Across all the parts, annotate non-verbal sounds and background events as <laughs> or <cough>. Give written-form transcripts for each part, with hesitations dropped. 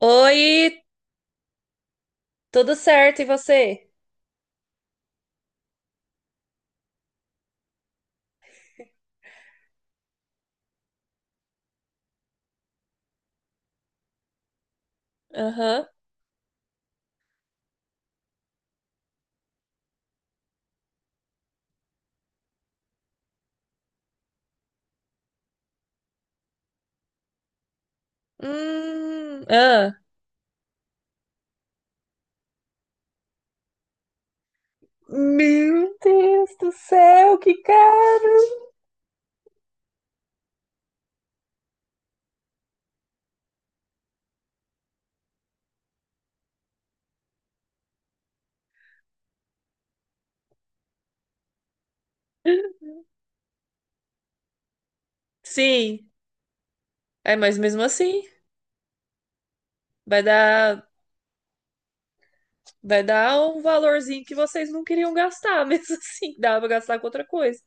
Oi, tudo certo e você? Aham. Ah. Meu Deus do céu, que caro! Sim. É, mas mesmo assim, vai dar, vai dar um valorzinho que vocês não queriam gastar, <laughs> mesmo assim, dá pra gastar com outra coisa.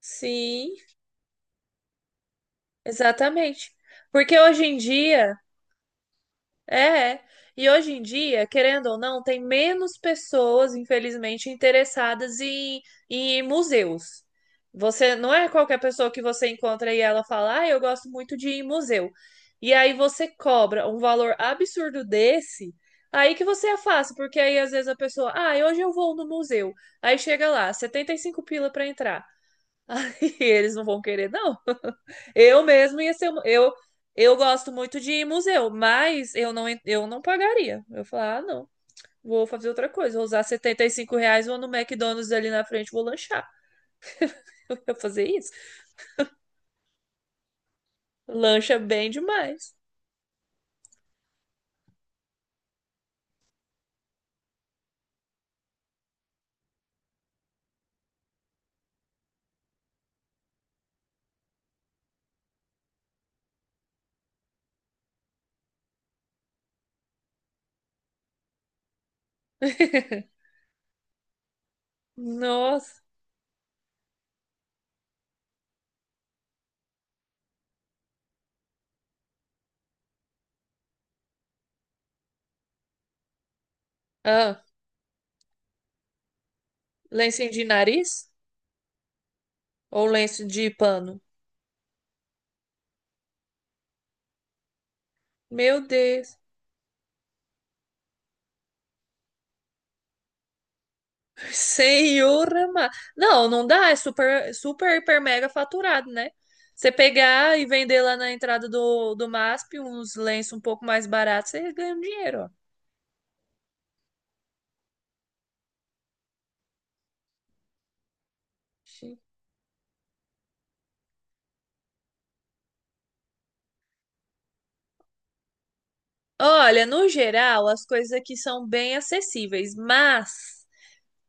Sim, exatamente. Porque hoje em dia. É, é. E hoje em dia, querendo ou não, tem menos pessoas, infelizmente, interessadas em museus. Você não é qualquer pessoa que você encontra e ela fala, ah, eu gosto muito de ir em museu. E aí você cobra um valor absurdo desse, aí que você afasta, porque aí às vezes a pessoa, ah, hoje eu vou no museu. Aí chega lá, 75 pila pra entrar. <laughs> E eles não vão querer, não. Eu mesmo ia ser. Eu gosto muito de ir em museu, mas eu não, eu não pagaria. Eu falar, ah, não. Vou fazer outra coisa. Vou usar R$ 75, vou no McDonald's ali na frente, vou lanchar. <laughs> Eu vou fazer isso. Lancha bem demais. <laughs> Nossa. Ah, lenço de nariz? Ou lenço de pano? Meu Deus. Senhor amado. Não, não dá, é super, super, hiper, mega faturado, né? Você pegar e vender lá na entrada do MASP uns lenços um pouco mais baratos, você ganha um dinheiro, ó. Sim. Olha, no geral, as coisas aqui são bem acessíveis, mas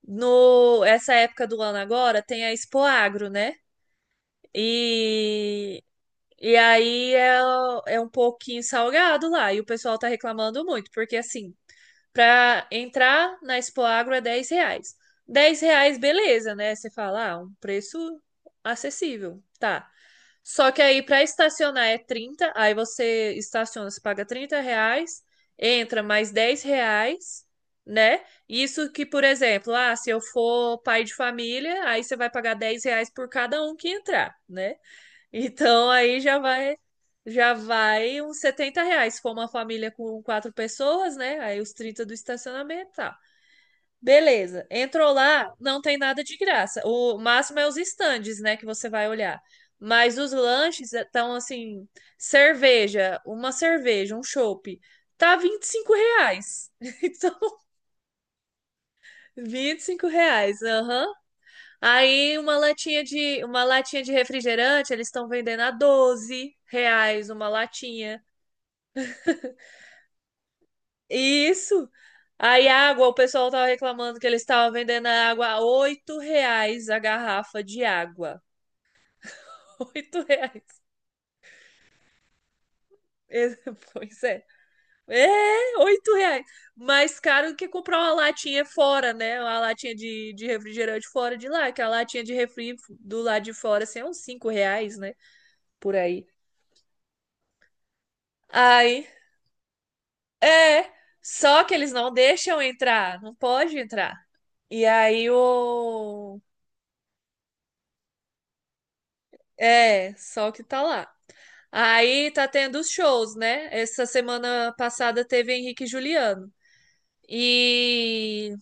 no essa época do ano agora tem a Expo Agro, né? E, e aí é um pouquinho salgado lá, e o pessoal tá reclamando muito, porque assim, para entrar na Expo Agro é R$ 10. R$ 10, beleza, né? Você fala, ah, um preço acessível, tá. Só que aí para estacionar é 30, aí você estaciona, você paga R$ 30, entra mais R$ 10, né? Isso que, por exemplo, ah, se eu for pai de família, aí você vai pagar R$ 10 por cada um que entrar, né? Então aí já vai uns R$ 70. Se for uma família com 4 pessoas, né? Aí os 30 do estacionamento, tá. Beleza. Entrou lá, não tem nada de graça. O máximo é os estandes, né? Que você vai olhar. Mas os lanches estão assim: cerveja, uma cerveja, um chopp. Tá R$ 25. <laughs> Então, R$ 25. Aham. Aí uma latinha de refrigerante, eles estão vendendo a R$ 12 uma latinha. Isso. Aí água, o pessoal tava reclamando que eles estavam vendendo a água a R$ 8 a garrafa de água. <laughs> R$ 8. Esse- Pois é. É, R$ 8. Mais caro que comprar uma latinha fora, né? Uma latinha de refrigerante fora de lá, que a latinha de refri do lado de fora, assim, é uns R$ 5, né? Por aí. Aí, é, só que eles não deixam entrar, não pode entrar. E aí o. É, só que tá lá. Aí tá tendo os shows, né? Essa semana passada teve Henrique e Juliano. E,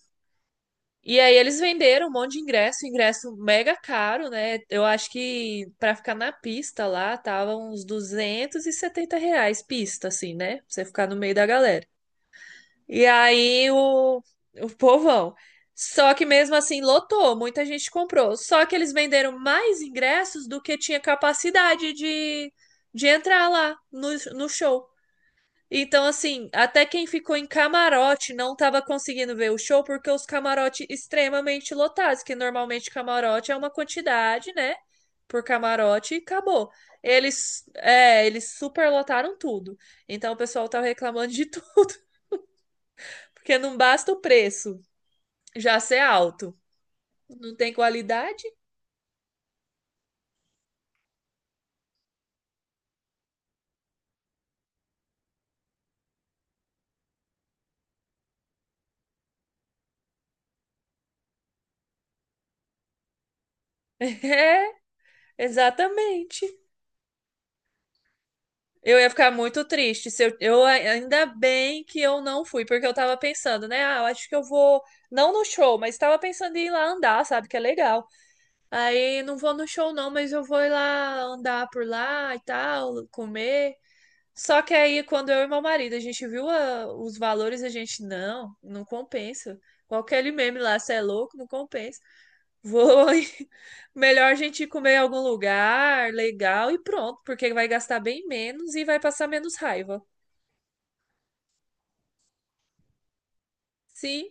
e aí eles venderam um monte de ingresso mega caro, né? Eu acho que pra ficar na pista lá tava uns R$ 270 pista, assim, né? Pra você ficar no meio da galera. E aí o povão. Só que mesmo assim lotou, muita gente comprou. Só que eles venderam mais ingressos do que tinha capacidade de entrar lá no show. Então, assim, até quem ficou em camarote não estava conseguindo ver o show porque os camarotes extremamente lotados, que normalmente camarote é uma quantidade, né? Por camarote e acabou. Eles superlotaram tudo. Então, o pessoal tava reclamando de <laughs> tudo. Porque não basta o preço já ser alto. Não tem qualidade? <laughs> É, exatamente. Eu ia ficar muito triste se ainda bem que eu não fui, porque eu tava pensando, né? Ah, eu acho que eu vou não no show, mas tava pensando em ir lá andar, sabe? Que é legal. Aí não vou no show não, mas eu vou ir lá andar por lá e tal, comer. Só que aí quando eu e meu marido a gente viu os valores, a gente não, não compensa. Qualquer meme lá, você é louco, não compensa. Vou. <laughs> Melhor a gente ir comer em algum lugar legal e pronto, porque vai gastar bem menos e vai passar menos raiva. Sim,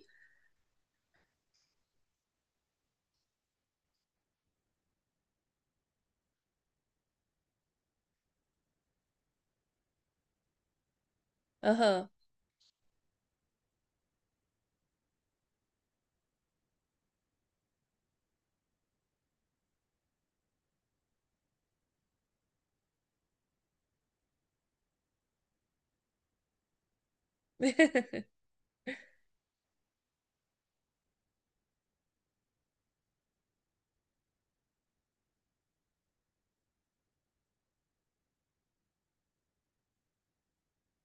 aham.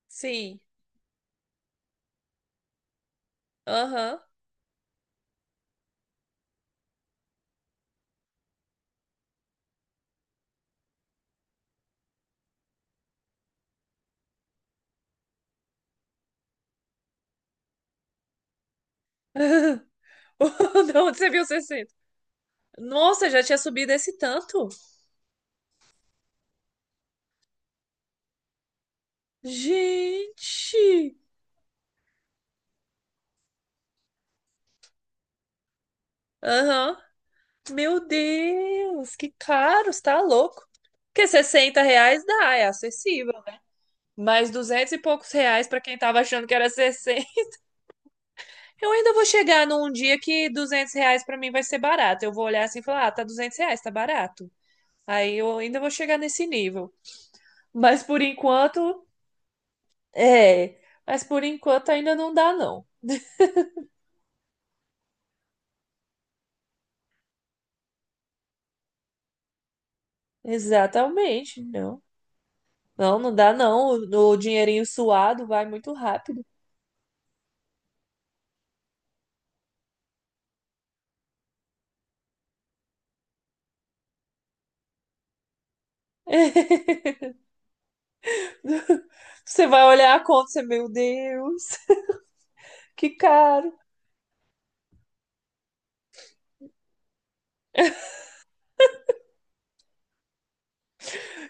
Sim, aham. <laughs> De onde você viu 60? Nossa, já tinha subido esse tanto? Gente! Aham. Meu Deus, que caro, você tá louco. Porque R$ 60 dá, é acessível. Mas 200 e poucos reais pra quem tava achando que era 60. Eu ainda vou chegar num dia que R$ 200 pra mim vai ser barato. Eu vou olhar assim e falar, ah, tá R$ 200, tá barato. Aí eu ainda vou chegar nesse nível. Mas por enquanto, é. Mas por enquanto ainda não dá, não. Exatamente, não. Não, não dá, não. O dinheirinho suado vai muito rápido. <laughs> Você vai olhar a conta, você, meu Deus, que caro.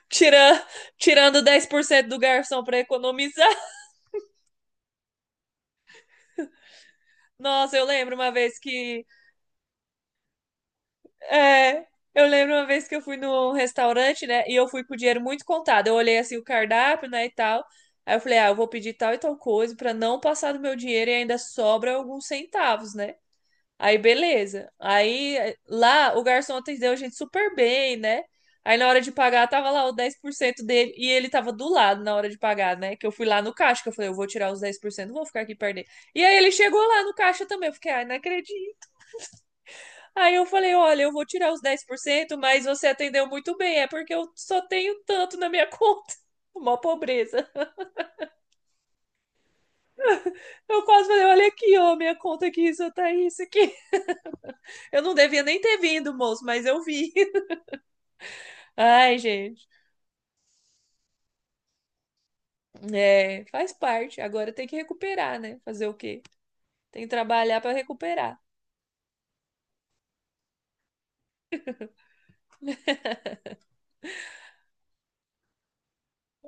Tira, tirando 10% do garçom pra economizar. <laughs> Nossa. É, eu lembro uma vez que eu fui num restaurante, né? E eu fui com o dinheiro muito contado. Eu olhei assim o cardápio, né, e tal. Aí eu falei, ah, eu vou pedir tal e tal coisa pra não passar do meu dinheiro e ainda sobra alguns centavos, né? Aí beleza. Aí lá o garçom atendeu a gente super bem, né? Aí na hora de pagar tava lá o 10% dele e ele tava do lado na hora de pagar, né? Que eu fui lá no caixa, que eu falei, eu vou tirar os 10%, não vou ficar aqui perdendo. E aí ele chegou lá no caixa também. Eu fiquei, ai, não acredito. Aí eu falei, olha, eu vou tirar os 10%, mas você atendeu muito bem, é porque eu só tenho tanto na minha conta. <laughs> Mó pobreza. Eu quase falei, olha aqui, ó, minha conta aqui, só tá isso aqui. Eu não devia nem ter vindo, moço, mas eu vi. <laughs> Ai, gente. É, faz parte. Agora tem que recuperar, né? Fazer o quê? Tem que trabalhar pra recuperar.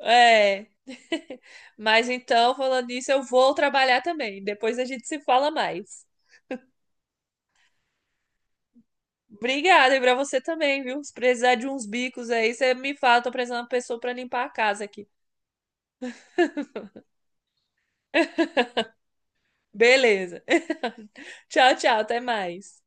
É. <laughs> Mas então, falando nisso, eu vou trabalhar também. Depois a gente se fala mais. Obrigada, e pra você também, viu? Se precisar de uns bicos aí, você me fala, tô precisando de uma pessoa pra limpar a casa aqui. Beleza. <laughs> Tchau, tchau, até mais.